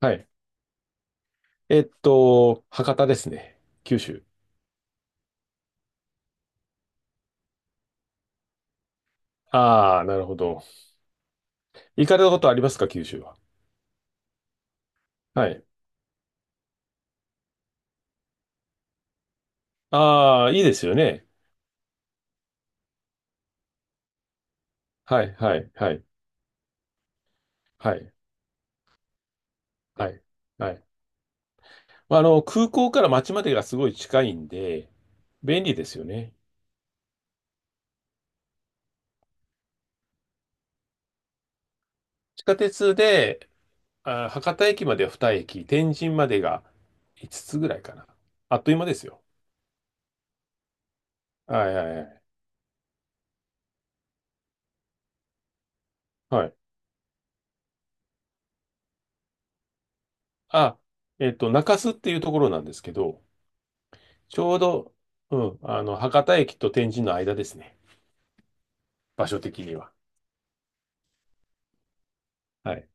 はい。博多ですね。九州。ああ、なるほど。行かれたことありますか、九州は？はい。ああ、いいですよね。はい、はい、はい、はい、はい、はい。まあの、空港から町までがすごい近いんで、便利ですよね。地下鉄で、あー、博多駅までは2駅、天神までが5つつぐらいかな。あっという間ですよ。はい、はい、はい。はい。あ、中洲っていうところなんですけど、ちょうど、うん、博多駅と天神の間ですね。場所的には。はい。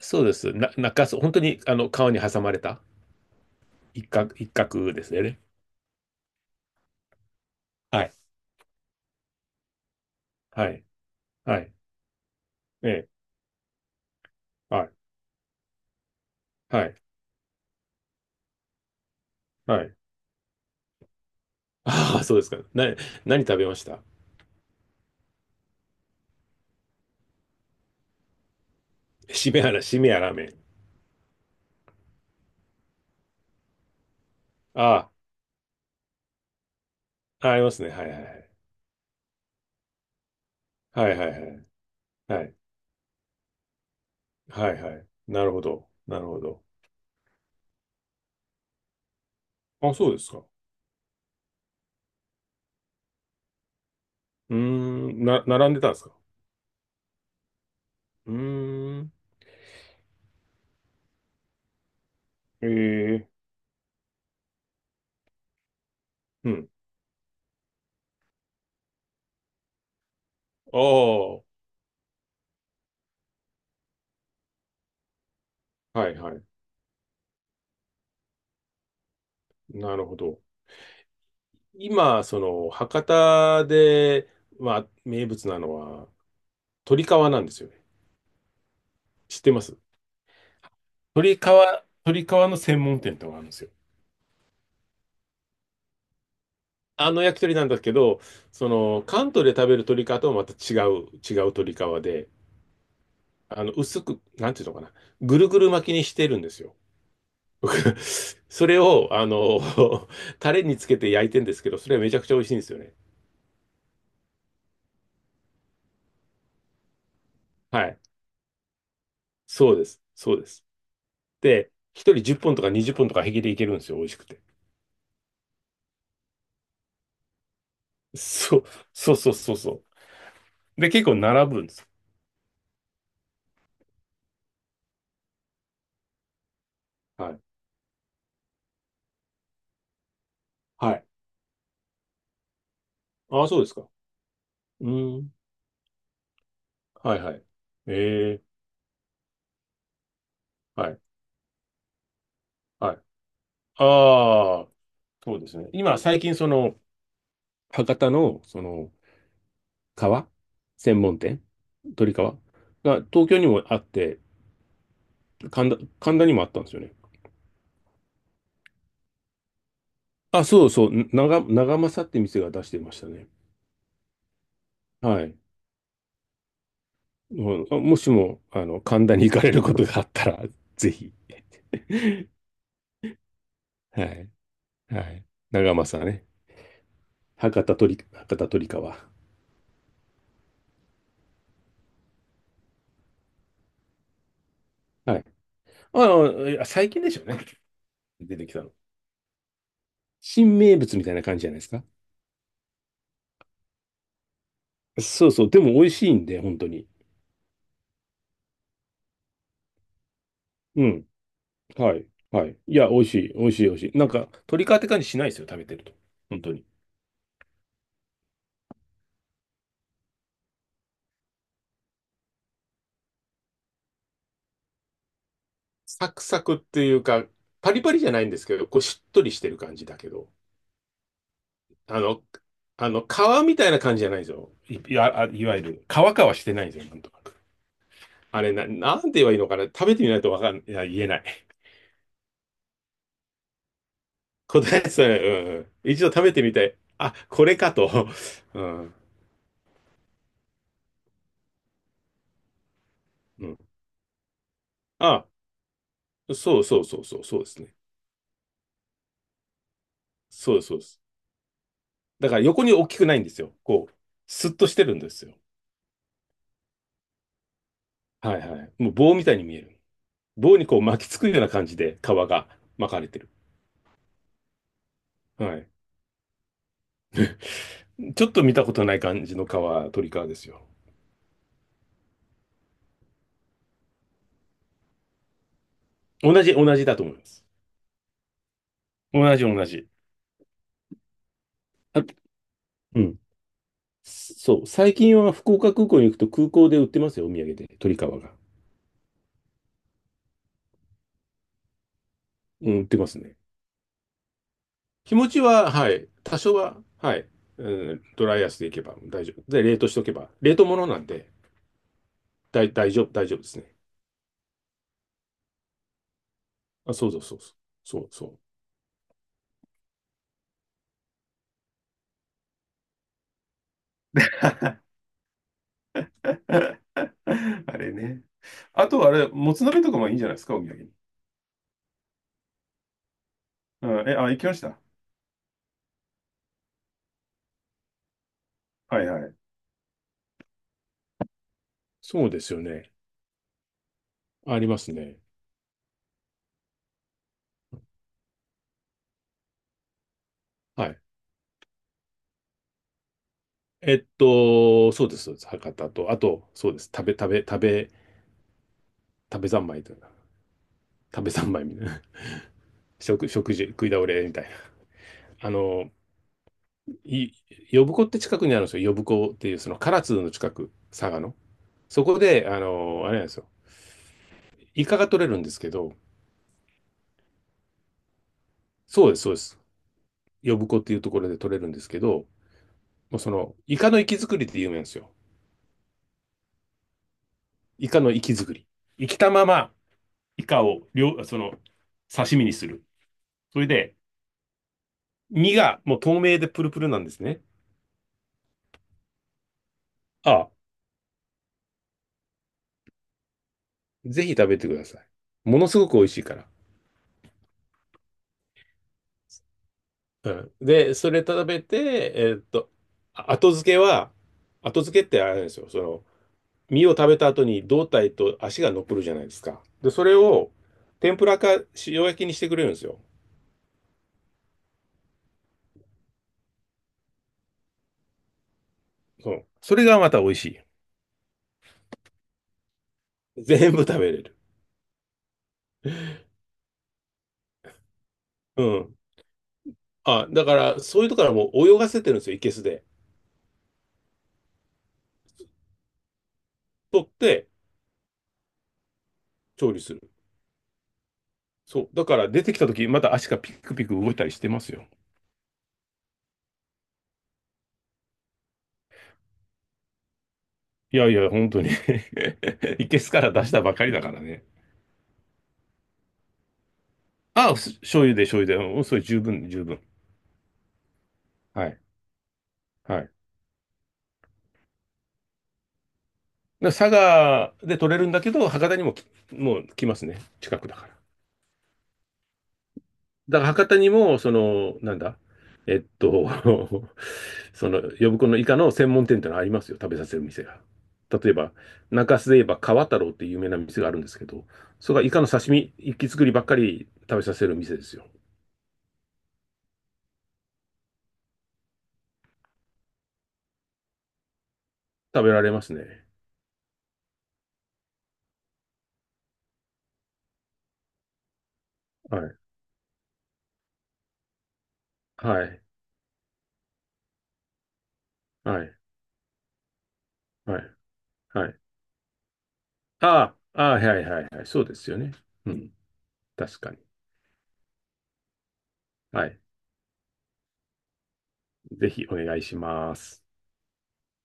そうです。中州、本当に、川に挟まれた一角ですね。はい。はい。はい。ええ。はい。はい。はい。ああ、そうですか。何食べました？しめやラーメン。ああ、ありますね。はいはいはい。はいはいはい。はい。はいはい。なるほど。なるほど。あ、そうですか。うーん、並んでたんですか？うーん。ええ。うん。ああ、はいはいなるほど。今、その、博多で、まあ、名物なのは、鶏皮なんですよね。知ってます？鶏皮、鶏皮の専門店ってのがあるんですよ。あの焼き鳥なんだけど、その、関東で食べる鶏皮とはまた違う鶏皮で、薄く、なんていうのかな、ぐるぐる巻きにしてるんですよ。僕 それを、タレにつけて焼いてんですけど、それはめちゃくちゃ美味しいんですよね。はい。そうです。そうです。で、一人10本とか20本とか平気でいけるんですよ。美味しくて。そう、そうそうそうそう。で、結構並ぶんです。はい。はい。ああ、そうですか。うん。はいはい。ええ、はい、はい。ああ、そうですね。今、最近、その、博多の、その、革専門店、鳥皮が、東京にもあって、神田にもあったんですよね。あ、そうそう、長政って店が出してましたね。はい。もう、もしも、神田に行かれることがあったら、ぜひ。はい。はい。長政ね。博多鳥川。はい。ああ、最近でしょうね。出てきたの。新名物みたいな感じじゃないですか。そうそう。でも美味しいんで、本当に。うん。はい。はい。いや、美味しい。美味しい。美味しい。なんか、鶏皮って感じしないですよ、食べてると。本当に。サクサクっていうか、パリパリじゃないんですけど、こうしっとりしてる感じだけど、あの、あの、皮みたいな感じじゃないですよ。いわゆる、皮してないんですよ、なんとなく。あれな、なんて言えばいいのかな。食べてみないとわかん、いや、言えない。答えてたね。うんうん。一度食べてみたい。あ、これかと。うん。うん。あ、そうそうそうそう、そうですね。そうです、そうです。だから横に大きくないんですよ。こう、スッとしてるんですよ。はいはい。もう棒みたいに見える。棒にこう巻きつくような感じで皮が巻かれてる。はい。ちょっと見たことない感じの皮、鳥皮ですよ。同じだと思います。同じ。あ、うん。そう。最近は福岡空港に行くと空港で売ってますよ、お土産で。鳥皮が。うん、売ってますね。気持ちは、はい、多少は、はい、うん、ドライアイスでいけば大丈夫。で、冷凍しておけば、冷凍物なんで、大丈夫ですね。あ、そうそうそうそう。そうそう。あれね。あと、あれ、もつ鍋とかもいいんじゃないですか、お土産に。うん、え、あ、行きました。はいはい。そうですよね。ありますね。はい。そうです、そうです。博多と、あと、そうです。食べ三昧というか、食べ三昧みたいな。食い倒れみたいな。あの、い呼子って近くにあるんですよ。呼子っていう、その唐津の近く、佐賀の。そこで、あれなんですよ。イカが取れるんですけど、そうです、そうです。呼子っていうところで取れるんですけど、もうその、イカの活き作りって有名なんですよ。イカの活き作り。生きたまま、イカを、その、刺身にする。それで、身がもう透明でプルプルなんですね。ああ、ぜひ食べてください。ものすごく美味しいから。うん。で、それ食べて、後付けは、後付けってあれなんですよ。その、身を食べた後に胴体と足が残るじゃないですか。で、それを天ぷらか塩焼きにしてくれるんですよ。そう。それがまた美味しい。全部食べれる。うん。あ、だから、そういうとこからもう泳がせてるんですよ、いけすで。取って調理する。そう。だから出てきたとき、また足がピクピク動いたりしてますよ。いやいや、本当に いけすから出したばかりだからね。ああ、醤油で醤油で、うん、それ十分、十分。はい。はい。だから佐賀で取れるんだけど、博多にももう来ますね。近くだから。だから博多にも、その、なんだ、えっと、その、呼子のイカの専門店ってのありますよ。食べさせる店が。例えば、中洲で言えば川太郎っていう有名な店があるんですけど、それがイカの刺身、一気作りばっかり食べさせる店ですよ。食べられますね。はい。はい。はい。はい。はい。ああ、ああ、はいはいはい。そうですよね。うん。確かに。はい。ぜひお願いします。